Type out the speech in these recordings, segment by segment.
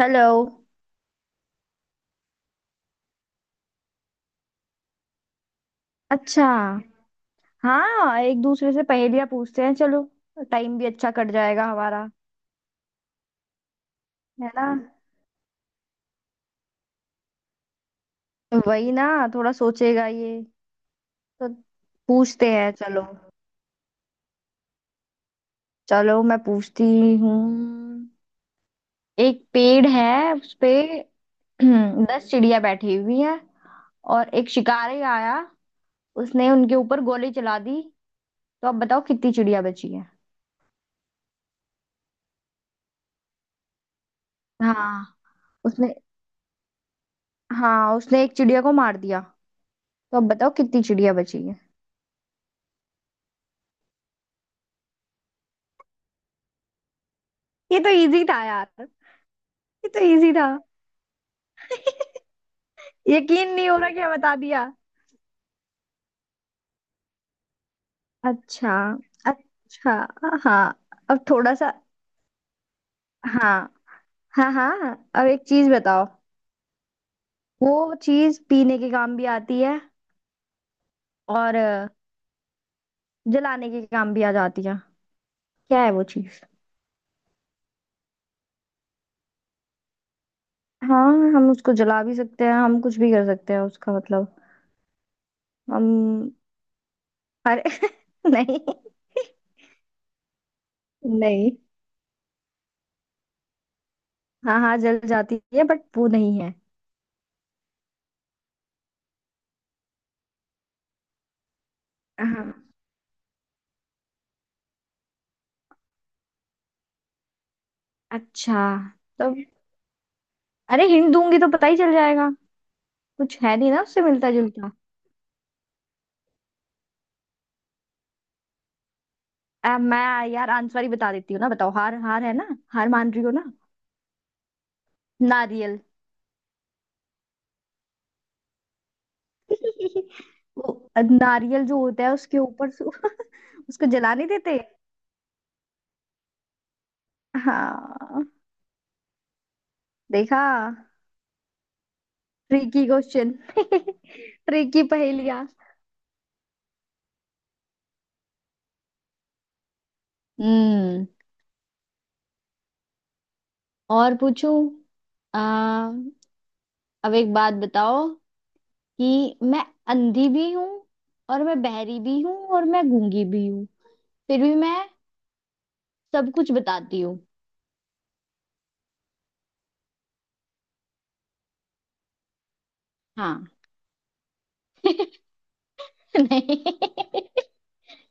Hello. अच्छा। हाँ, एक दूसरे से पहेलियां पूछते हैं, चलो। टाइम भी अच्छा कट जाएगा हमारा। है ना? वही ना। थोड़ा सोचेगा ये तो। पूछते हैं, चलो। चलो, मैं पूछती हूँ। एक पेड़ है, उस पे 10 चिड़िया बैठी हुई हैं, और एक शिकारी आया, उसने उनके ऊपर गोली चला दी। तो अब बताओ, कितनी चिड़िया बची है? हाँ, उसने। हाँ, उसने एक चिड़िया को मार दिया। तो अब बताओ, कितनी चिड़िया बची है? ये तो इजी था यार। ये तो इजी था। यकीन नहीं हो रहा, क्या बता दिया। अच्छा, अच्छा। हाँ, अब थोड़ा सा। हाँ हाँ हाँ हाँ, अब एक चीज बताओ। वो चीज पीने के काम भी आती है और जलाने के काम भी आ जाती है। क्या है वो चीज? हाँ, हम उसको जला भी सकते हैं, हम कुछ भी कर सकते हैं उसका मतलब। हम। अरे नहीं। नहीं। हाँ हाँ, जल जाती है बट वो नहीं है। हाँ। अच्छा। तो। अरे, हिंट दूंगी तो पता ही चल जाएगा। कुछ है नहीं ना उससे मिलता जुलता। मैं यार आंसर ही बता देती हूँ ना, बताओ। हार, हार है ना। हार मान रही हो ना? नारियल। वो नारियल जो होता है उसके ऊपर से, उसको जला नहीं देते। हाँ। देखा। Tricky question. ट्रिकी पहेलियाँ। हम्म। और पूछूं। आ, अब एक बात बताओ, कि मैं अंधी भी हूँ, और मैं बहरी भी हूँ, और मैं गूंगी भी हूँ। फिर भी मैं सब कुछ बताती हूँ। हाँ। नहीं।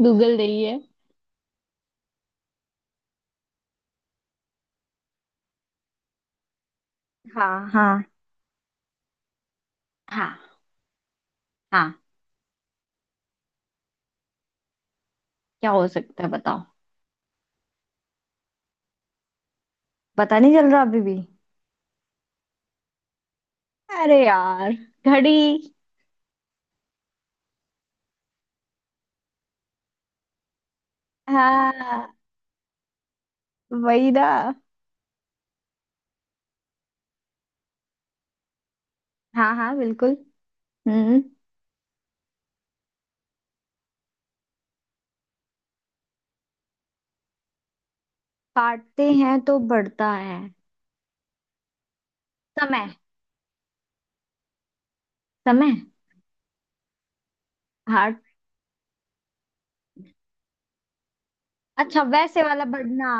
गूगल नहीं है। हाँ हाँ हाँ हाँ। क्या हो सकता है, बताओ। पता नहीं चल रहा अभी भी। अरे यार, घड़ी। हाँ। वही ना। हाँ हाँ बिल्कुल। हम्म। काटते हैं तो बढ़ता है। समय। समय। हार्ट। अच्छा, वैसे वाला बढ़ना।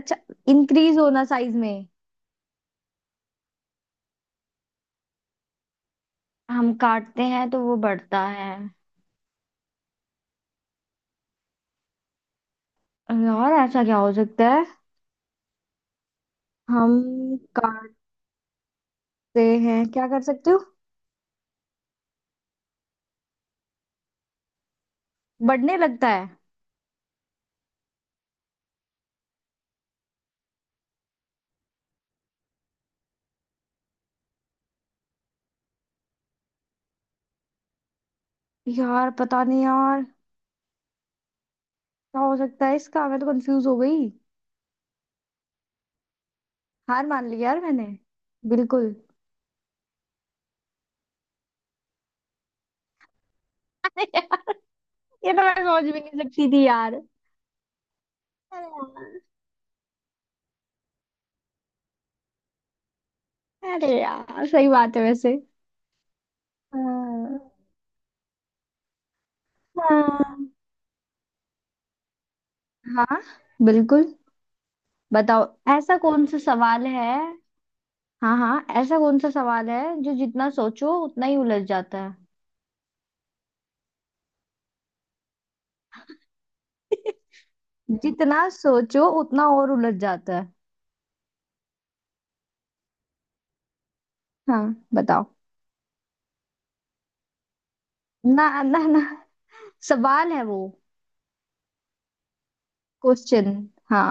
अच्छा, इंक्रीज होना साइज में। हम काटते हैं तो वो बढ़ता है। और ऐसा क्या हो सकता है? हम का सकते हैं? क्या कर सकते हो? बढ़ने लगता है। यार पता नहीं यार, क्या हो सकता है इसका, मैं तो कंफ्यूज हो गई। हार मान ली यार मैंने। बिल्कुल। ये तो मैं सोच भी नहीं सकती थी यार। अरे यार। अरे यार, सही बात है वैसे। हाँ हाँ हाँ, बिल्कुल। बताओ। ऐसा कौन सा सवाल है? हाँ हाँ, ऐसा कौन सा सवाल है जो जितना सोचो उतना ही उलझ जाता है? जितना सोचो उतना और उलझ जाता है। हाँ। बताओ। ना ना ना, सवाल है वो। क्वेश्चन। हाँ।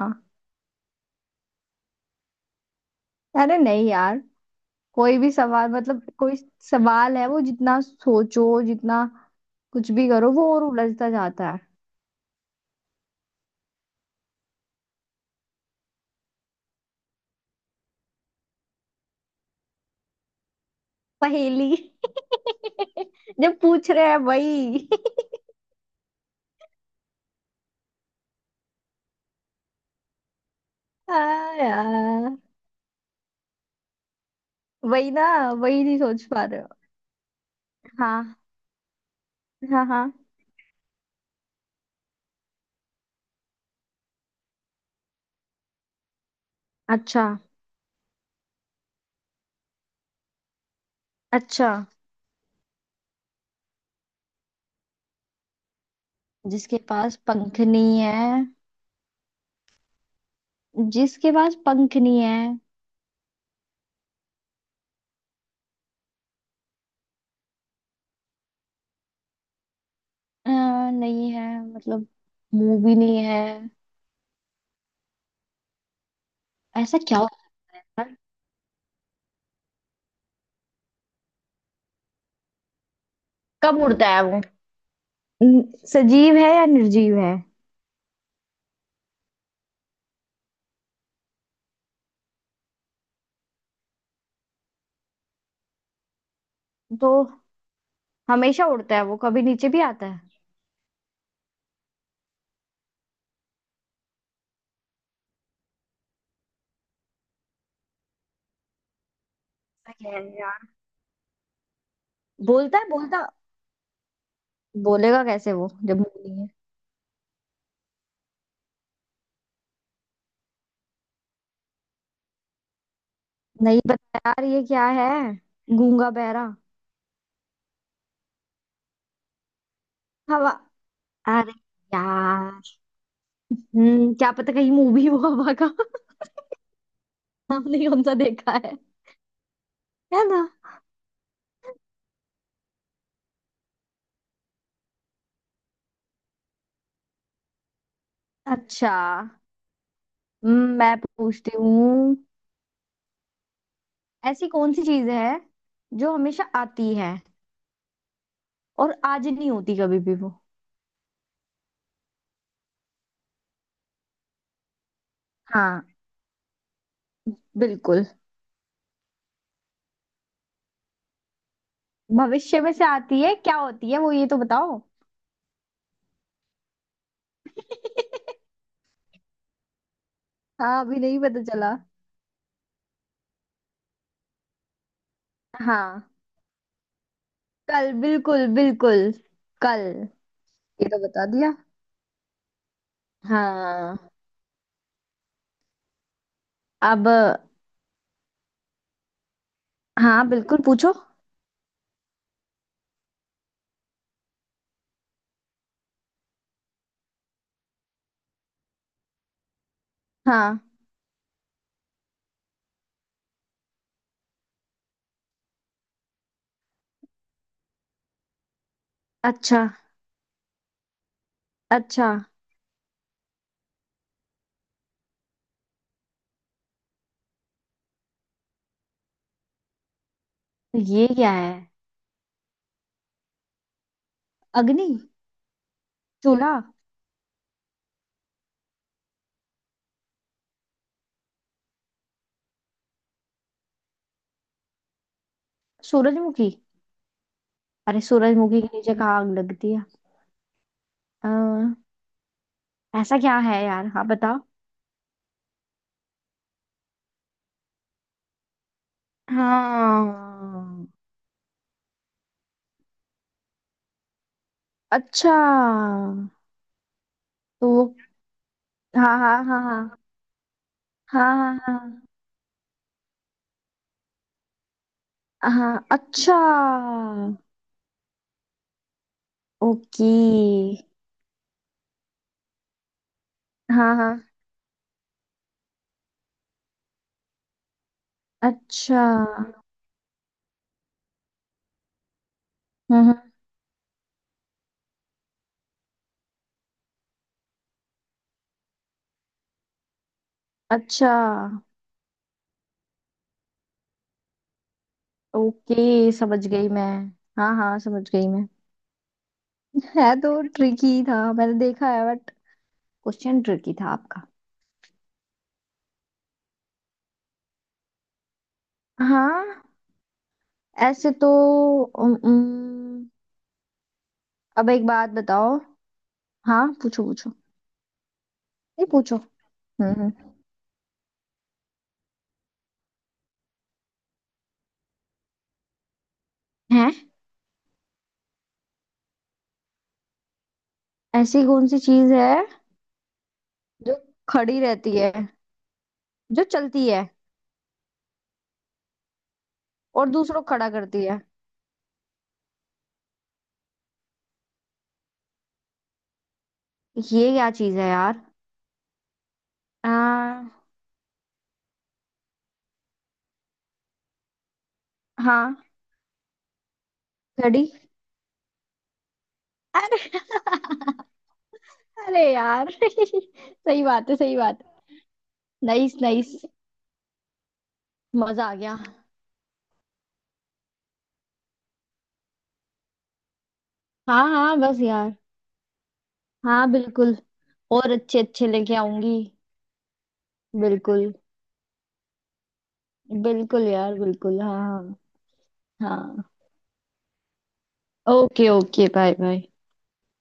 अरे नहीं यार। कोई भी सवाल, मतलब कोई सवाल है वो, जितना सोचो, जितना कुछ भी करो, वो और उलझता जाता है। पहेली। जब पूछ रहे हैं वही। हाँ यार, वही ना। वही नहीं सोच पा रहे हो। हाँ हाँ हाँ। अच्छा। अच्छा। जिसके पास पंख नहीं है। जिसके पास पंख नहीं है। अ, नहीं है मतलब, मुंह भी नहीं है। ऐसा क्या होता? कब उड़ता है वो? सजीव है या निर्जीव है? तो हमेशा उड़ता है वो, कभी नीचे भी आता है? सही है यार। बोलता है, बोलता। बोलेगा कैसे वो जब मुंह नहीं है? नहीं पता यार, ये क्या है। गूंगा बहरा। हवा। अरे यार। हम्म, क्या पता कहीं मूवी हो हवा का। हमने कौन सा देखा है। है ना। अच्छा। मैं पूछती हूँ। ऐसी कौन सी चीज है जो हमेशा आती है, और आज नहीं होती कभी भी वो? हाँ, बिल्कुल। भविष्य में से आती है, क्या होती है वो, ये तो बताओ। हाँ, अभी नहीं पता चला। हाँ, कल। बिल्कुल बिल्कुल, कल। ये तो बता दिया। हाँ। अब। हाँ, बिल्कुल पूछो। हाँ। अच्छा। अच्छा। ये क्या है? अग्नि। चूल्हा। सूरजमुखी। अरे, सूरजमुखी के नीचे कहाँ आग लगती है? अ, ऐसा क्या है यार, हाँ बताओ। हाँ अच्छा। तो वो। हाँ हाँ हाँ हाँ। हाँ हाँ हाँ हाँ। अच्छा। ओके। हाँ हाँ। अच्छा। हम्म। हम्म, अच्छा। ओके, समझ गई मैं। हाँ हाँ, समझ गई मैं। है तो ट्रिकी था, मैंने देखा है बट। क्वेश्चन ट्रिकी था आपका। हाँ। ऐसे तो। उम, उम, अब एक बात बताओ। हाँ पूछो पूछो। नहीं पूछो। हम्म। हम्म। है। ऐसी कौन सी चीज है जो खड़ी रहती है, जो चलती है और दूसरों को खड़ा करती है? ये क्या चीज है यार? आ, हाँ, घड़ी। अरे। अरे यार, सही बात है, सही बात है। Nice, nice. मजा आ गया। हाँ हाँ बस यार। हाँ बिल्कुल। और अच्छे अच्छे लेके आऊंगी। बिल्कुल बिल्कुल यार, बिल्कुल। हाँ हाँ हाँ। ओके। Okay, bye bye.